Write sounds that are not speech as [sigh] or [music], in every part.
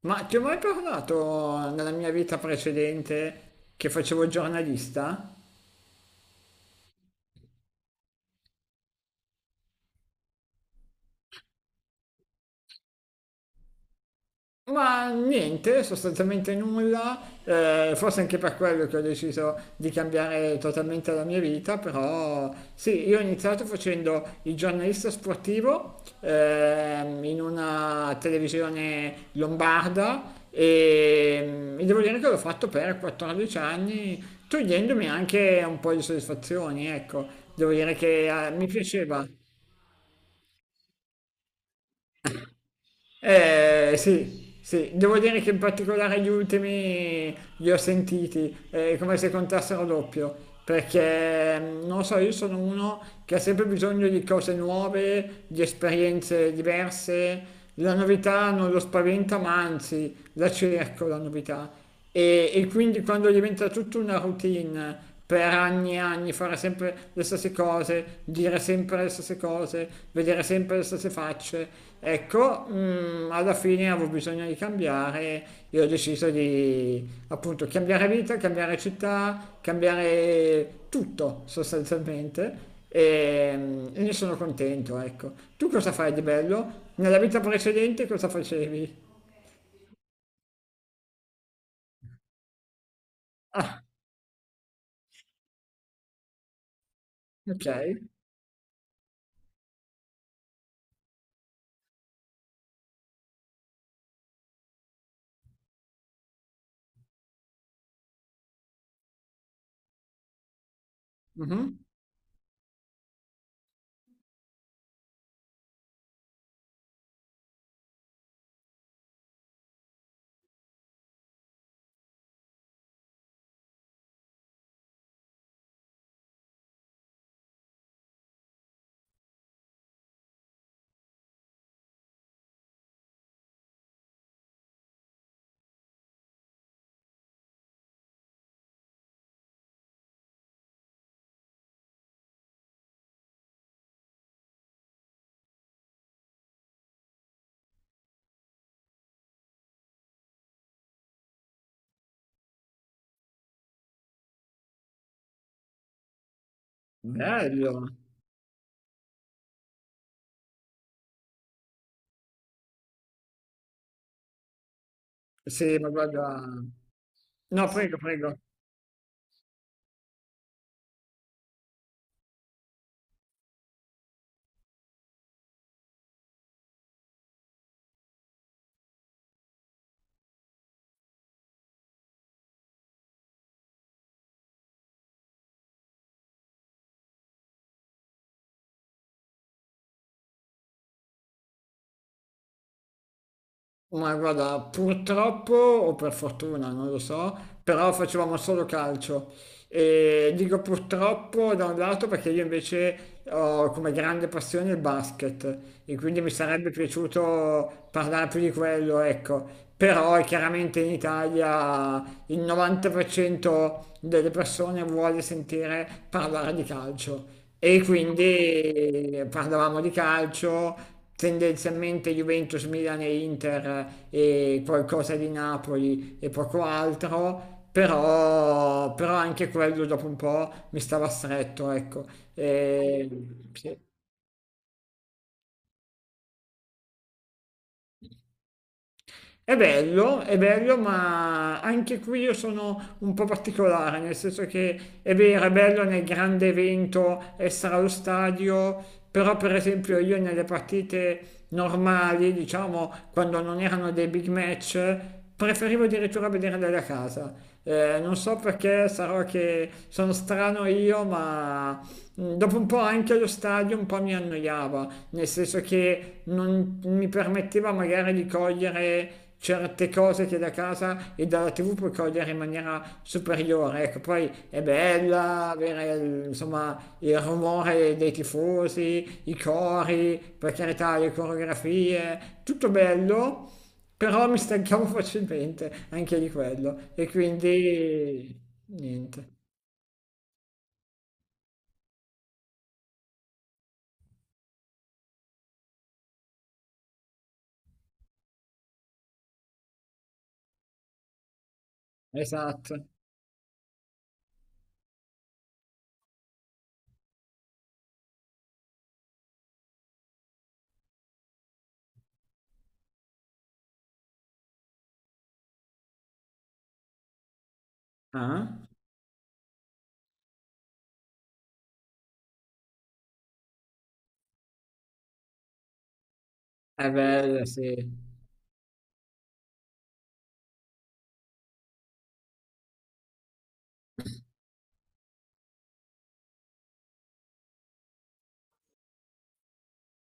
Ma ti ho mai parlato nella mia vita precedente che facevo il giornalista? Ma niente, sostanzialmente nulla, forse anche per quello che ho deciso di cambiare totalmente la mia vita, però sì, io ho iniziato facendo il giornalista sportivo in una televisione lombarda e devo dire che l'ho fatto per 14 anni, togliendomi anche un po' di soddisfazioni, ecco, devo dire che mi piaceva. Eh sì, sì, devo dire che in particolare gli ultimi li ho sentiti, come se contassero doppio, perché non so, io sono uno che ha sempre bisogno di cose nuove, di esperienze diverse, la novità non lo spaventa, ma anzi la cerco la novità. E quindi quando diventa tutta una routine per anni e anni, fare sempre le stesse cose, dire sempre le stesse cose, vedere sempre le stesse facce, ecco, alla fine avevo bisogno di cambiare e ho deciso di appunto cambiare vita, cambiare città, cambiare tutto sostanzialmente. E ne sono contento, ecco. Tu cosa fai di bello? Nella vita precedente cosa facevi? Ah, ok. Mhm. Bello. Sì, ma guarda... No, prego, prego. Ma guarda, purtroppo o per fortuna, non lo so, però facevamo solo calcio. E dico purtroppo da un lato perché io invece ho come grande passione il basket e quindi mi sarebbe piaciuto parlare più di quello, ecco. Però chiaramente in Italia il 90% delle persone vuole sentire parlare di calcio. E quindi parlavamo di calcio, tendenzialmente Juventus, Milan e Inter e qualcosa di Napoli e poco altro, però anche quello dopo un po' mi stava stretto, ecco. E, sì. È bello, ma anche qui io sono un po' particolare, nel senso che è vero, è bello nel grande evento essere allo stadio, però per esempio io nelle partite normali, diciamo, quando non erano dei big match, preferivo addirittura vederle da casa. Non so perché, sarò che sono strano io, ma dopo un po' anche allo stadio un po' mi annoiava nel senso che non mi permetteva magari di cogliere certe cose che da casa e dalla tv puoi cogliere in maniera superiore, ecco. Poi è bella avere insomma il rumore dei tifosi, i cori, per carità, le coreografie, tutto bello, però mi stancavo [laughs] facilmente anche di quello e quindi niente. Esatto. Ah, è bella sì.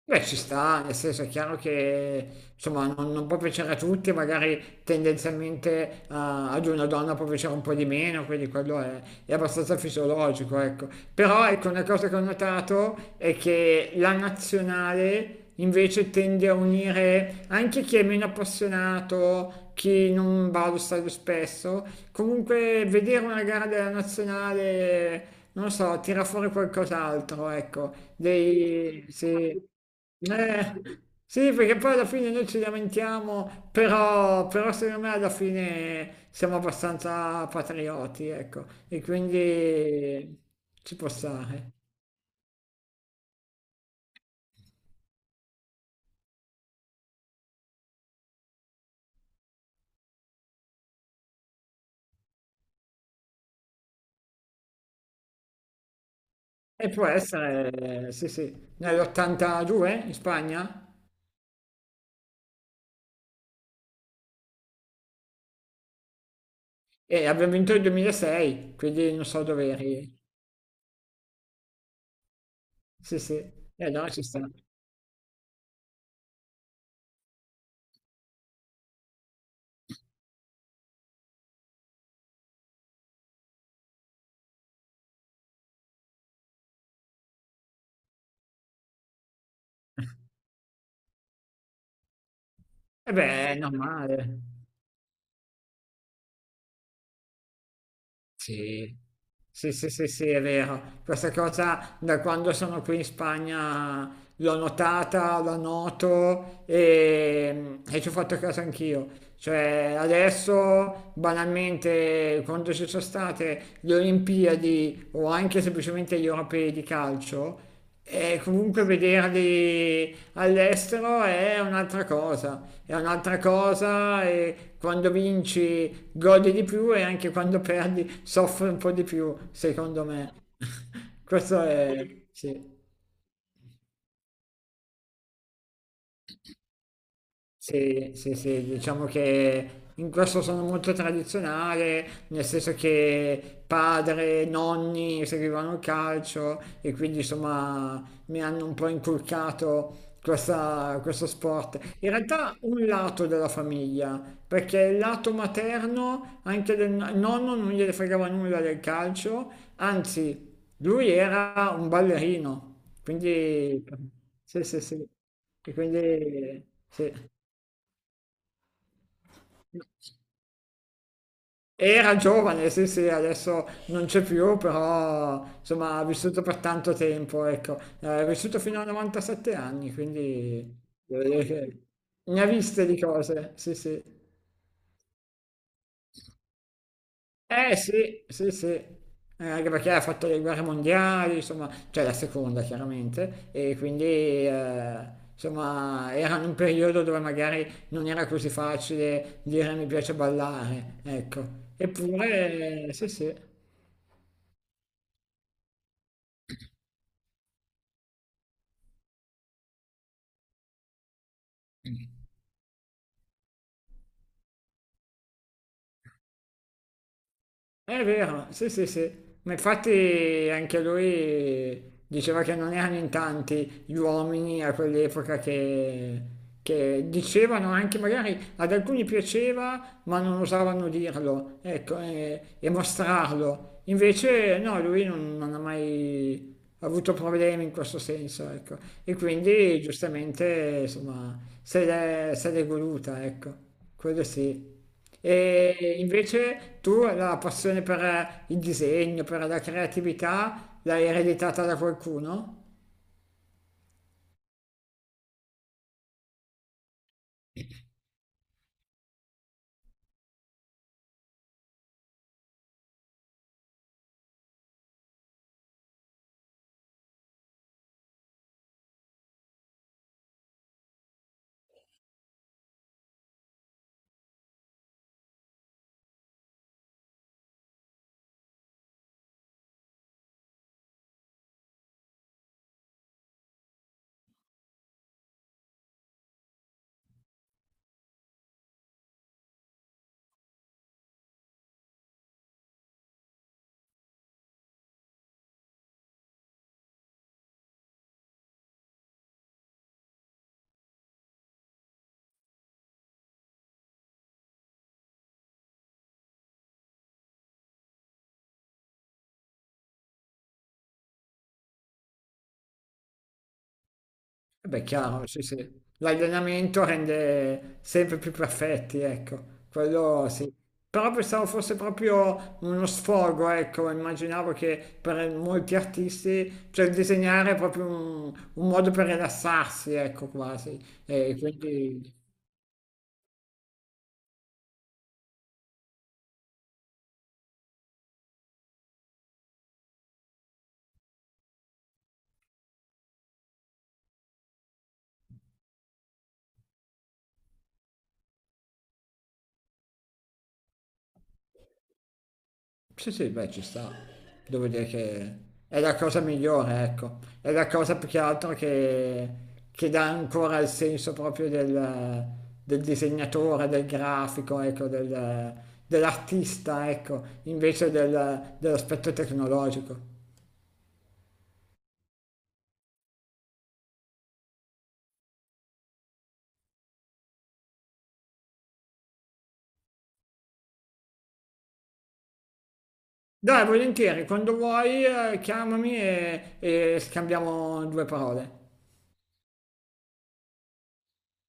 Beh, ci sta, nel senso è chiaro che insomma non può piacere a tutti, magari tendenzialmente ad una donna può piacere un po' di meno, quindi quello è abbastanza fisiologico, ecco. Però ecco, una cosa che ho notato è che la nazionale invece tende a unire anche chi è meno appassionato, chi non va allo stadio spesso. Comunque vedere una gara della nazionale, non lo so, tira fuori qualcos'altro, ecco, dei... Sì. Eh, sì, perché poi alla fine noi ci lamentiamo, però secondo me alla fine siamo abbastanza patrioti, ecco, e quindi ci può stare. E può essere, sì, sì, nell'82 in Spagna e abbiamo vinto il 2006, quindi non so dove eri. Sì, sì, e allora ci sta. E beh, è normale. Sì. Sì, sì, sì, sì, è vero. Questa cosa da quando sono qui in Spagna l'ho notata, la noto e ci ho fatto caso anch'io. Cioè, adesso banalmente, quando ci sono state le Olimpiadi o anche semplicemente gli europei di calcio, e comunque vederli all'estero è un'altra cosa, è un'altra cosa, e quando vinci gode di più e anche quando perdi soffre un po' di più, secondo me. [laughs] Questo è... sì. Sì, sì, sì, diciamo che in questo sono molto tradizionale, nel senso che padre, nonni seguivano il calcio e quindi insomma mi hanno un po' inculcato questo sport. In realtà un lato della famiglia, perché il lato materno, anche del nonno non gliene fregava nulla del calcio, anzi lui era un ballerino, quindi sì, sì, sì. E quindi sì. Era giovane, sì, sì, adesso non c'è più, però insomma ha vissuto per tanto tempo, ecco. Ha vissuto fino a 97 anni, quindi devo dire che ne ha viste di cose, sì, sì. Eh sì, sì, sì. Anche perché ha fatto le guerre mondiali, insomma, cioè la seconda chiaramente, e quindi insomma era in un periodo dove magari non era così facile dire mi piace ballare, ecco, eppure sì, sì. È vero, sì, sì, sì. Ma infatti anche lui diceva che non erano in tanti gli uomini a quell'epoca che dicevano anche, magari ad alcuni piaceva, ma non osavano dirlo, ecco, e mostrarlo. Invece no, lui non ha mai avuto problemi in questo senso, ecco. E quindi giustamente, insomma, se l'è voluta, ecco. Quello sì. E invece tu la passione per il disegno, per la creatività, l'hai ereditata da qualcuno? Eh beh, chiaro, sì, sì. L'allenamento rende sempre più perfetti, ecco, quello sì. Però pensavo fosse proprio uno sfogo, ecco, immaginavo che per molti artisti, cioè il disegnare è proprio un modo per rilassarsi, ecco, quasi. E quindi... Sì, sì, beh, ci sta. Devo dire che è la cosa migliore, ecco. È la cosa più che altro che dà ancora il senso proprio del, del disegnatore, del grafico, ecco, dell'artista, ecco, invece dell'aspetto tecnologico. Dai, volentieri, quando vuoi, chiamami e scambiamo due parole.